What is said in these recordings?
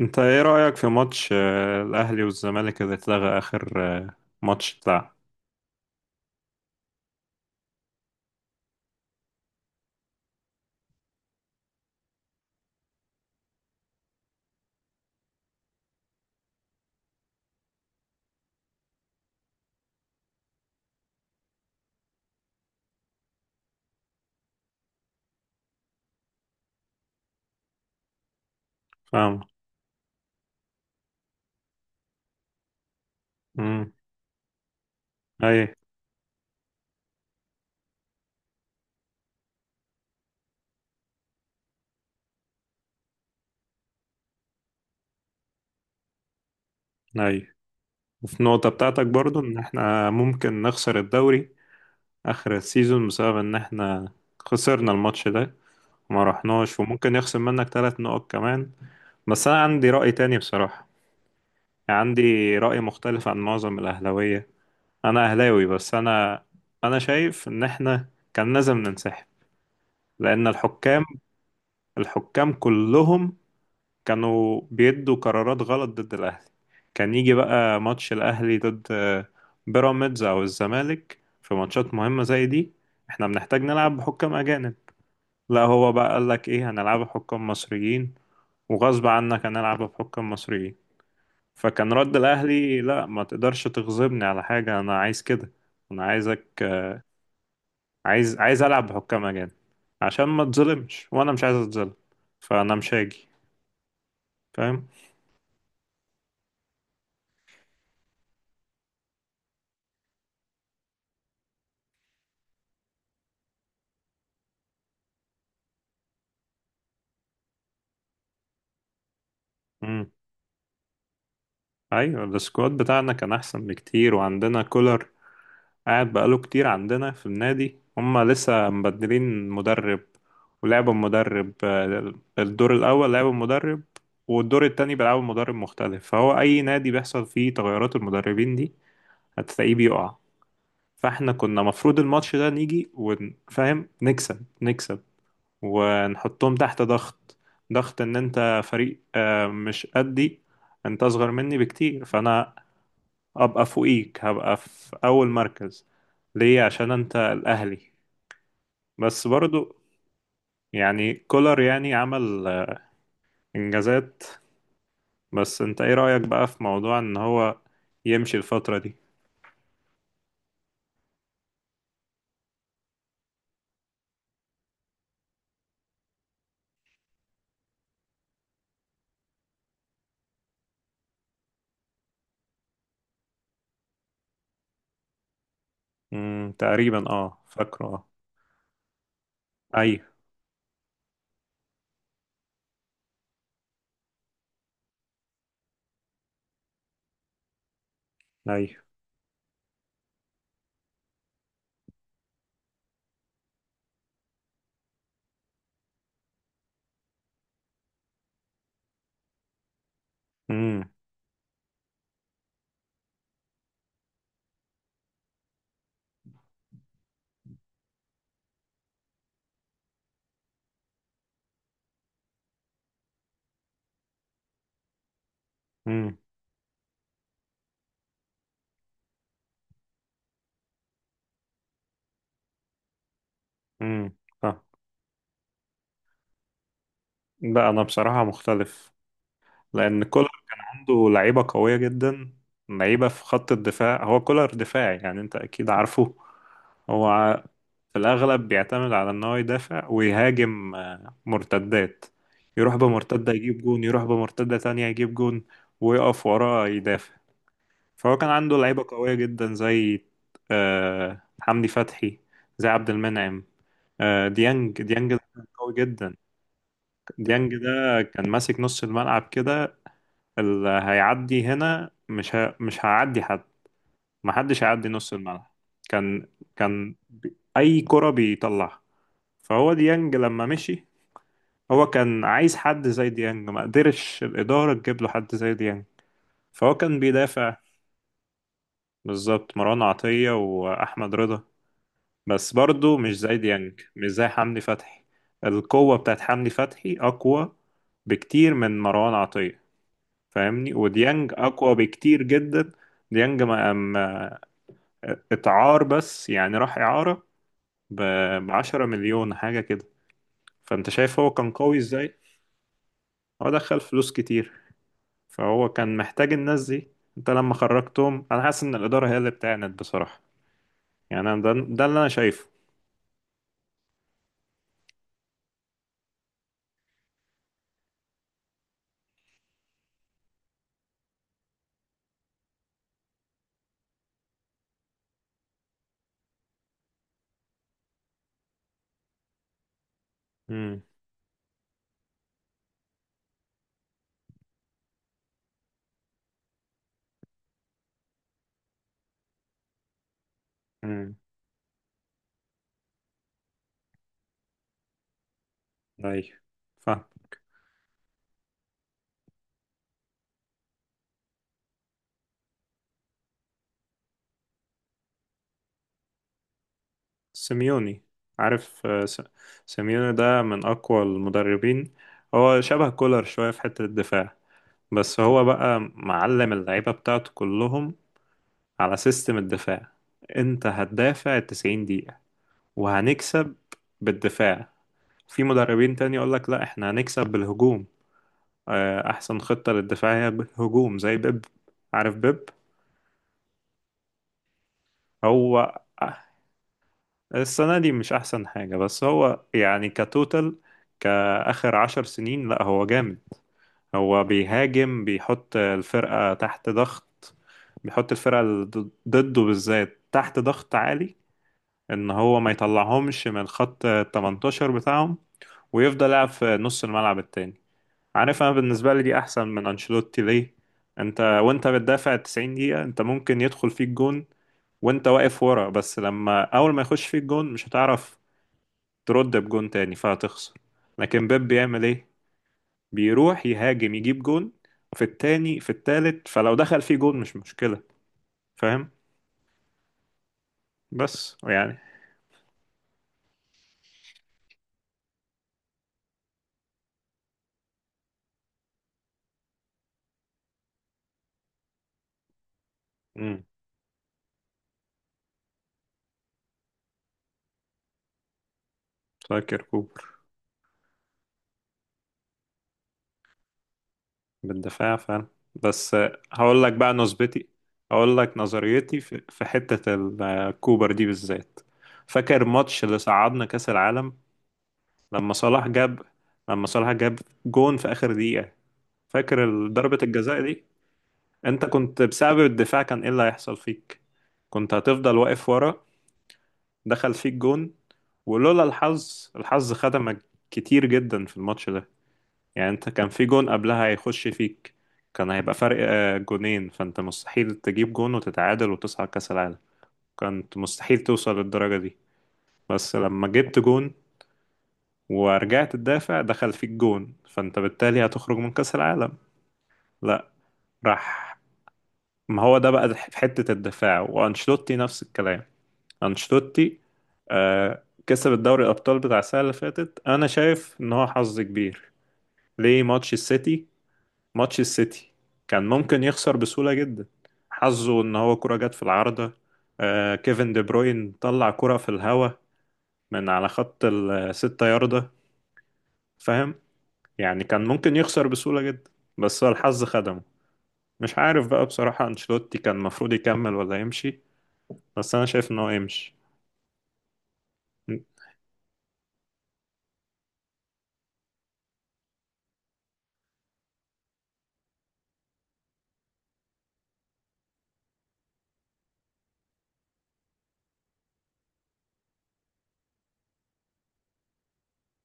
انت ايه رأيك في ماتش الاهلي والزمالك اللي اتلغى اخر ماتش بتاع فاهم. امم. اي. اي. وفي النقطة بتاعتك برضو ان احنا ممكن نخسر الدوري اخر السيزون بسبب ان احنا خسرنا الماتش ده وما رحناش وممكن يخصم منك 3 نقط كمان. بس انا عندي رأي تاني بصراحة، يعني عندي رأي مختلف عن معظم الاهلاوية. انا اهلاوي بس انا انا شايف ان احنا كان لازم ننسحب لان الحكام الحكام كلهم كانوا بيدوا قرارات غلط ضد الأهلي. كان يجي بقى ماتش الأهلي ضد بيراميدز أو الزمالك في ماتشات مهمة زي دي احنا بنحتاج نلعب بحكام أجانب. لا هو بقى قالك ايه، هنلعب بحكام مصريين وغصب عنك هنلعب بحكام مصريين. فكان رد الأهلي لا ما تقدرش تغضبني على حاجة أنا عايز كده. أنا عايزك عايز ألعب بحكام أجانب عشان ما تظلمش وأنا مش عايز أتظلم، فأنا مش هاجي. فاهم. ايوه السكواد بتاعنا كان احسن بكتير وعندنا كولر قاعد بقاله كتير عندنا في النادي. هما لسه مبدلين مدرب ولعبوا المدرب الدور الاول لعبوا المدرب والدور التاني بيلعبوا مدرب مختلف، فهو اي نادي بيحصل فيه تغيرات المدربين دي هتلاقيه بيقع. فاحنا كنا مفروض الماتش ده نيجي ونفهم نكسب ونحطهم تحت ضغط. ضغط ان انت فريق مش قدي، انت اصغر مني بكتير فانا ابقى فوقيك هبقى في اول مركز. ليه؟ عشان انت الاهلي. بس برضو يعني كولر يعني عمل انجازات. بس انت ايه رأيك بقى في موضوع ان هو يمشي الفترة دي؟ امم، تقريبا اه فاكره اه. اي. اي. امم. امم. امم. اه. لا انا بصراحة مختلف لان كولر كان عنده لعيبة قوية جدا، لعيبة في خط الدفاع. هو كولر دفاعي، يعني انت اكيد عارفه. هو في الأغلب بيعتمد على إن هو يدافع ويهاجم مرتدات. يروح بمرتدة يجيب جون، يروح بمرتدة تانية يجيب جون ويقف وراه يدافع. فهو كان عنده لعيبة قوية جدا زي حمدي فتحي، زي عبد المنعم، ديانج ده كان قوي جدا. ديانج ده كان ماسك نص الملعب كده. اللي هيعدي هنا مش هيعدي حد، محدش هيعدي نص الملعب. كان كان أي كرة بيطلعها. فهو ديانج لما مشي هو كان عايز حد زي ديانج، ما قدرش الإدارة تجيب له حد زي ديانج، فهو كان بيدافع. بالظبط مروان عطية وأحمد رضا، بس برضه مش زي ديانج مش زي حمدي فتحي. القوة بتاعت حمدي فتحي أقوى بكتير من مروان عطية، فاهمني؟ وديانج أقوى بكتير جدا. ديانج ما ما- اتعار، بس يعني راح إعارة ب10 مليون حاجة كده. فأنت شايف هو كان قوي إزاي؟ هو دخل فلوس كتير، فهو كان محتاج الناس دي. انت لما خرجتهم انا حاسس ان الاداره هي اللي بتعند بصراحه. يعني انا ده اللي انا شايفه. امم. امم. ايوه. فاهم. سيميوني. عارف سيميوني ده من اقوى المدربين. هو شبه كولر شويه في حته الدفاع، بس هو بقى معلم اللعيبه بتاعته كلهم على سيستم الدفاع. انت هتدافع 90 دقيقه وهنكسب بالدفاع. في مدربين تاني يقولك لا احنا هنكسب بالهجوم، احسن خطة للدفاعية هجوم زي بيب. عارف بيب؟ هو السنة دي مش احسن حاجة بس هو يعني كتوتال، كآخر 10 سنين لا هو جامد. هو بيهاجم، بيحط الفرقة تحت ضغط، بيحط الفرقة اللي ضده بالذات تحت ضغط عالي ان هو ما يطلعهمش من الخط 18 بتاعهم، ويفضل يلعب في نص الملعب التاني. عارف، انا بالنسبه لي دي احسن من انشيلوتي. ليه؟ انت وانت بتدافع 90 دقيقه انت ممكن يدخل فيك جون وانت واقف ورا، بس لما اول ما يخش فيك جون مش هتعرف ترد بجون تاني فهتخسر. لكن بيب بيعمل ايه؟ بيروح يهاجم يجيب جون في التاني في التالت، فلو دخل فيه جون مش مشكله. فاهم. بس يعني امم. فاكر كوبر. بالدفاع فعلا. بس هقول لك بقى نظرتي، هقول لك نظريتي في حتة الكوبر دي بالذات. فاكر ماتش اللي صعدنا كأس العالم؟ لما صلاح جاب لما صلاح جاب جون في آخر دقيقة. فاكر ضربة الجزاء دي؟ انت كنت بسبب الدفاع كان ايه اللي هيحصل فيك؟ كنت هتفضل واقف ورا، دخل فيك جون، ولولا الحظ، الحظ خدمك كتير جدا في الماتش ده. يعني انت كان في جون قبلها هيخش فيك، كان هيبقى فرق جونين. فانت مستحيل تجيب جون وتتعادل وتصعد كأس العالم، كانت مستحيل توصل للدرجة دي. بس لما جبت جون ورجعت تدافع، دخل فيك جون فانت بالتالي هتخرج من كأس العالم. لا، راح. ما هو ده بقى في حتة الدفاع. وانشلوتي نفس الكلام. انشلوتي كسب الدوري الأبطال بتاع السنة اللي فاتت، أنا شايف إن هو حظ كبير. ليه؟ ماتش السيتي. ماتش السيتي كان ممكن يخسر بسهولة جدا. حظه ان هو كرة جت في العارضة، آه كيفن دي بروين طلع كرة في الهوا من على خط ال6 ياردة. فاهم؟ يعني كان ممكن يخسر بسهولة جدا، بس هو الحظ خدمه. مش عارف بقى بصراحة انشيلوتي كان المفروض يكمل ولا يمشي، بس انا شايف ان هو يمشي.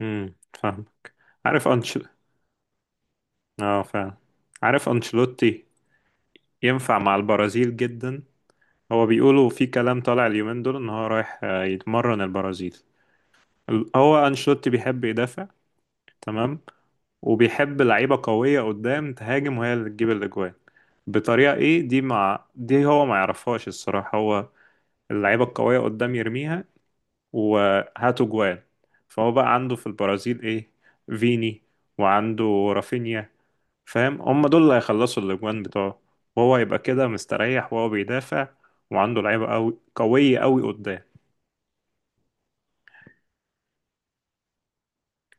امم. فاهم. عارف انشل اه فعلا. عارف انشيلوتي ينفع مع البرازيل جدا. هو بيقولوا في كلام طالع اليومين دول ان هو رايح يتمرن البرازيل. هو أنشيلوتي بيحب يدافع، تمام، وبيحب لعيبة قوية قدام تهاجم وهي اللي تجيب الأجوان. بطريقة إيه دي مع دي هو ما يعرفهاش الصراحة. هو اللعيبة القوية قدام يرميها وهاتوا جوان. فهو بقى عنده في البرازيل إيه؟ فيني، وعنده رافينيا. فاهم؟ هم دول اللي هيخلصوا الأجوان بتوعه، وهو يبقى كده مستريح وهو بيدافع، وعنده لعيبة قوية قدام.